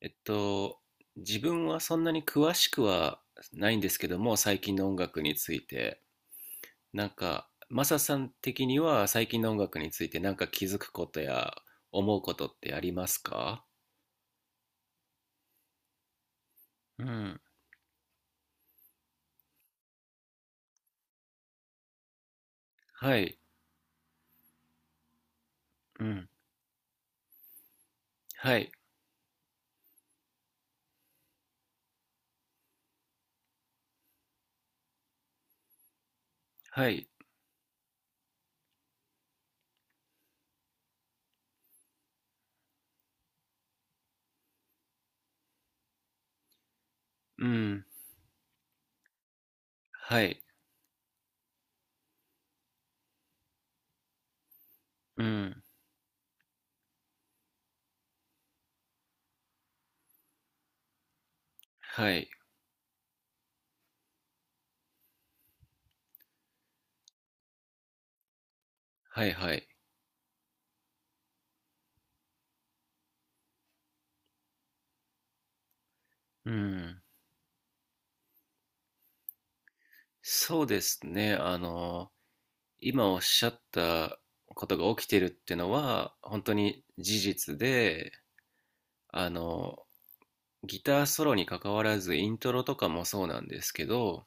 えっと、自分はそんなに詳しくはないんですけども、最近の音楽について、なんか、マサさん的には最近の音楽についてなんか気づくことや思うことってありますか？うん。はい。うん。はい。はい。うん。はい。うん。はい。はい。はい。うん。そうですね、今おっしゃったことが起きてるってのは、本当に事実で、あの、ギターソロに関わらずイントロとかもそうなんですけど、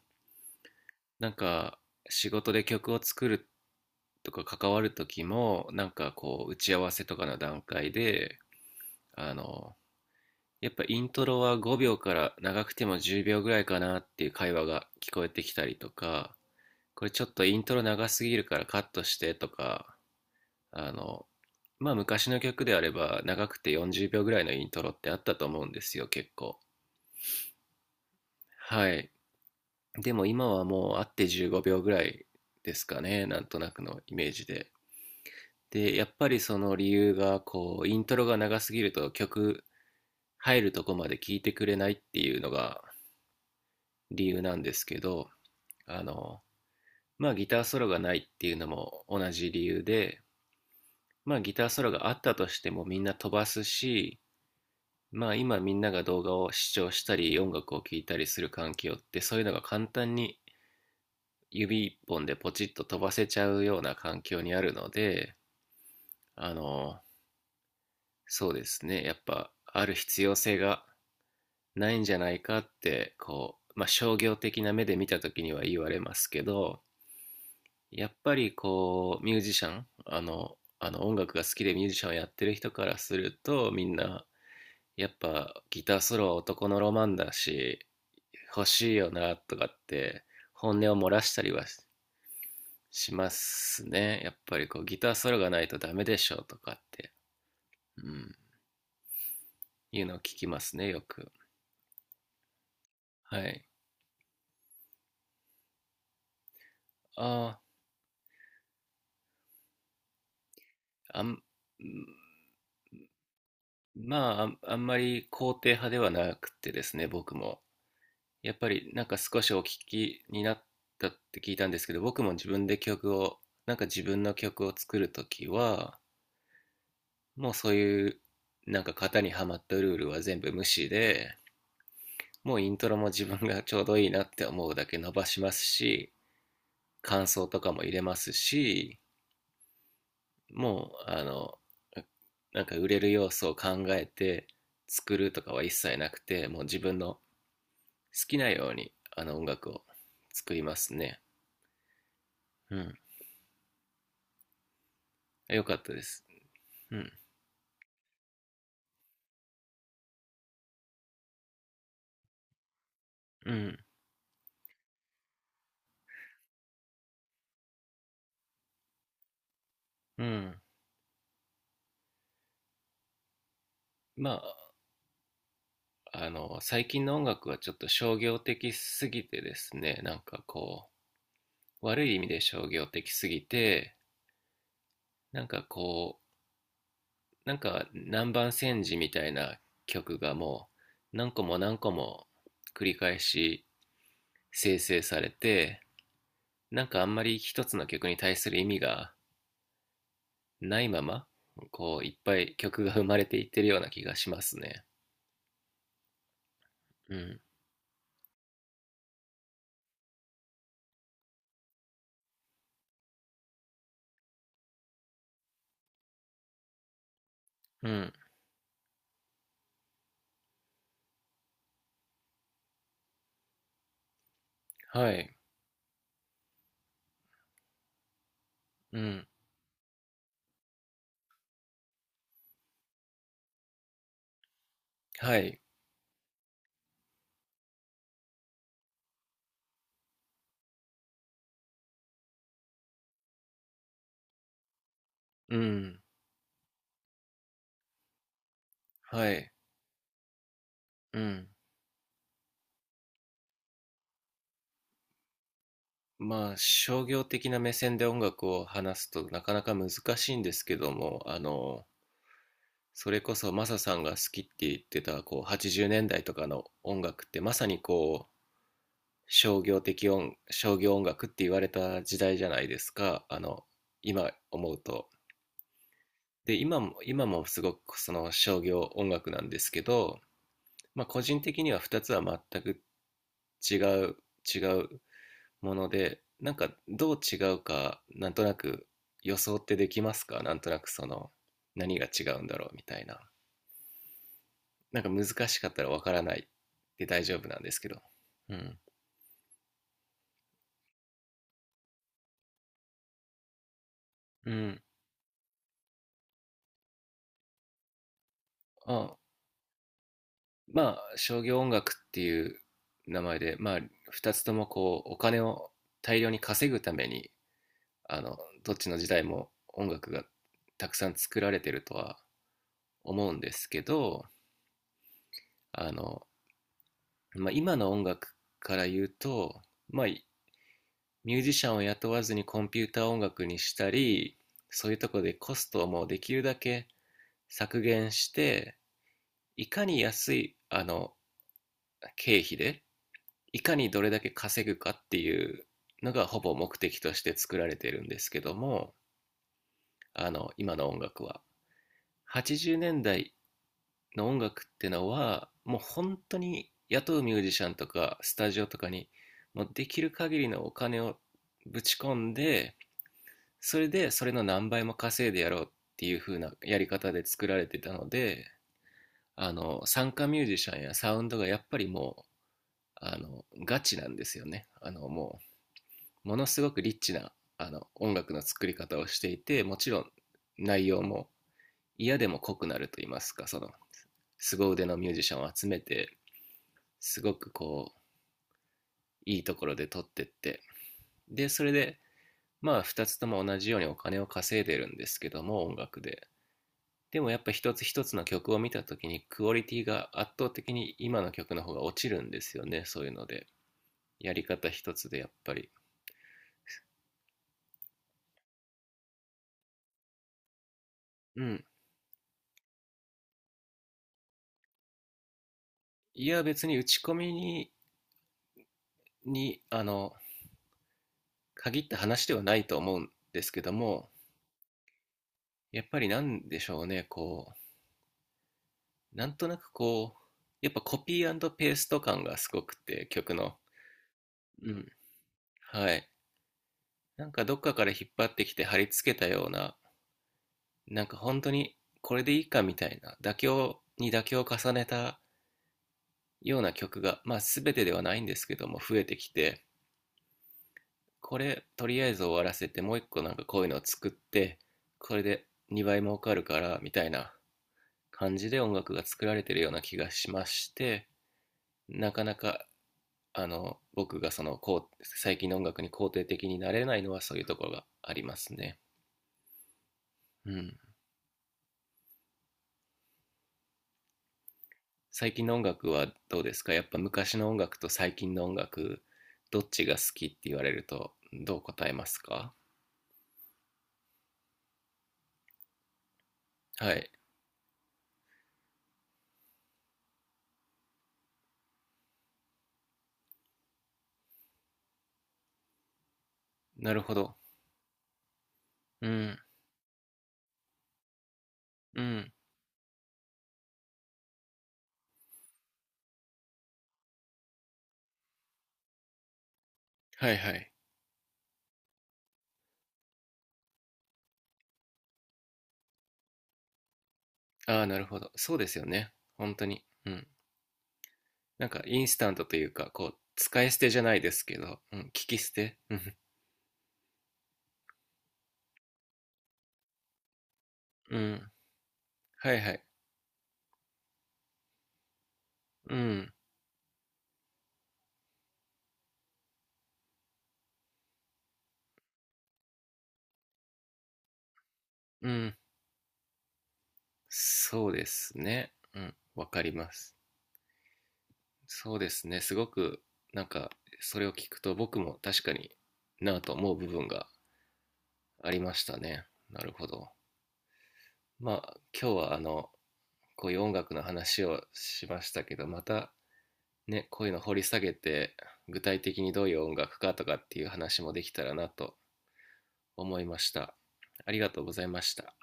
なんか仕事で曲を作るとか関わる時も、なんかこう打ち合わせとかの段階であのやっぱイントロは5秒から長くても10秒ぐらいかなっていう会話が聞こえてきたりとか、これちょっとイントロ長すぎるからカットしてとか、あのまあ昔の曲であれば長くて40秒ぐらいのイントロってあったと思うんですよ、結構。はい。でも今はもう会って15秒ぐらいですかね、なんとなくのイメージで。で、やっぱりその理由が、こう、イントロが長すぎると曲入るとこまで聴いてくれないっていうのが理由なんですけど、あの、まあギターソロがないっていうのも同じ理由で、まあギターソロがあったとしてもみんな飛ばすし、まあ今みんなが動画を視聴したり音楽を聴いたりする環境って、そういうのが簡単に指一本でポチッと飛ばせちゃうような環境にあるので、あの、そうですね、やっぱある必要性がないんじゃないかって、こう、まあ、商業的な目で見た時には言われますけど、やっぱりこう、ミュージシャン、音楽が好きでミュージシャンをやってる人からすると、みんな、やっぱギターソロは男のロマンだし、欲しいよなとかって本音を漏らしたりはしますね。やっぱりこうギターソロがないとダメでしょとかって、うん、いうのを聞きますね、よく。はい。ああ、あん、まあ、あんまり肯定派ではなくてですね、僕も。やっぱりなんか少しお聞きになったって聞いたんですけど、僕も自分で曲を、なんか自分の曲を作るときは、もうそういうなんか型にはまったルールは全部無視で、もうイントロも自分がちょうどいいなって思うだけ伸ばしますし、感想とかも入れますし、もうなんか売れる要素を考えて作るとかは一切なくて、もう自分の好きなように音楽を作りますね。うん。よかったです。うん。うん。うん。まあ最近の音楽はちょっと商業的すぎてですね、なんかこう悪い意味で商業的すぎて、なんかこなんか南蛮戦時みたいな曲がもう何個も何個も繰り返し生成されて、なんかあんまり一つの曲に対する意味がないまま、こういっぱい曲が生まれていってるような気がしますね。うん。うん。はい。うん。はい。うん。はい。うん。まあ商業的な目線で音楽を話すとなかなか難しいんですけども、それこそマサさんが好きって言ってたこう80年代とかの音楽って、まさにこう、商業音楽って言われた時代じゃないですか、今思うと。で今も、今もすごくその商業音楽なんですけど、まあ、個人的には2つは全く違う違うものでなんか、どう違うかなんとなく予想ってできますか、なんとなくその何が違うんだろうみたいな。なんか難しかったらわからないで大丈夫なんですけど。うん。うん。あまあ、商業音楽っていう名前で、まあ、二つともこう、お金を大量に稼ぐために、あの、どっちの時代も音楽がたくさん作られてるとは思うんですけど、あの、まあ、今の音楽から言うと、まあ、ミュージシャンを雇わずにコンピューター音楽にしたり、そういうとこでコストをもうできるだけ削減して、いかに安い、経費で、いかにどれだけ稼ぐかっていうのがほぼ目的として作られているんですけども、今の音楽は。80年代の音楽ってのは、もう本当に雇うミュージシャンとか、スタジオとかに、もうできる限りのお金をぶち込んで、それでそれの何倍も稼いでやろうっていう風なやり方で作られてたので、参加ミュージシャンやサウンドがやっぱりも、ガチなんですよね。もう、ものすごくリッチな、音楽の作り方をしていて、もちろん内容も嫌でも濃くなると言いますか、その、凄腕のミュージシャンを集めて、すごくこう、いいところで撮ってって、で、それで、まあ、二つとも同じようにお金を稼いでるんですけども、音楽で。でもやっぱ一つ一つの曲を見た時にクオリティが圧倒的に今の曲の方が落ちるんですよね、そういうので。やり方一つでやっぱり。うん、いや、別に打ち込みに、に、あの、限った話ではないと思うんですけども、やっぱりなんでしょうね、こう、なんとなくこう、やっぱコピーペースト感がすごくて、曲の。うん。はい。なんかどっかから引っ張ってきて貼り付けたような、なんか本当にこれでいいかみたいな、妥協に妥協を重ねたような曲が、まあ全てではないんですけども、増えてきて、これとりあえず終わらせてもう一個なんかこういうのを作って、これで2倍儲かるからみたいな感じで音楽が作られてるような気がしまして、なかなか僕がそのこう最近の音楽に肯定的になれないのはそういうところがありますね。うん。最近の音楽はどうですか、やっぱ昔の音楽と最近の音楽、どっちが好きって言われるとどう答えますか？はい。なるほど。うん。うん。はい。はい。ああ、なるほど。そうですよね。本当に。うん。なんか、インスタントというか、こう、使い捨てじゃないですけど、うん、聞き捨て。うん。うん。はいはい。うん。うん。そうですね。うん。わかります。そうですね。すごく、なんか、それを聞くと僕も確かに、なぁと思う部分がありましたね。なるほど。まあ、今日はこういう音楽の話をしましたけど、またね、こういうの掘り下げて、具体的にどういう音楽かとかっていう話もできたらなと思いました。ありがとうございました。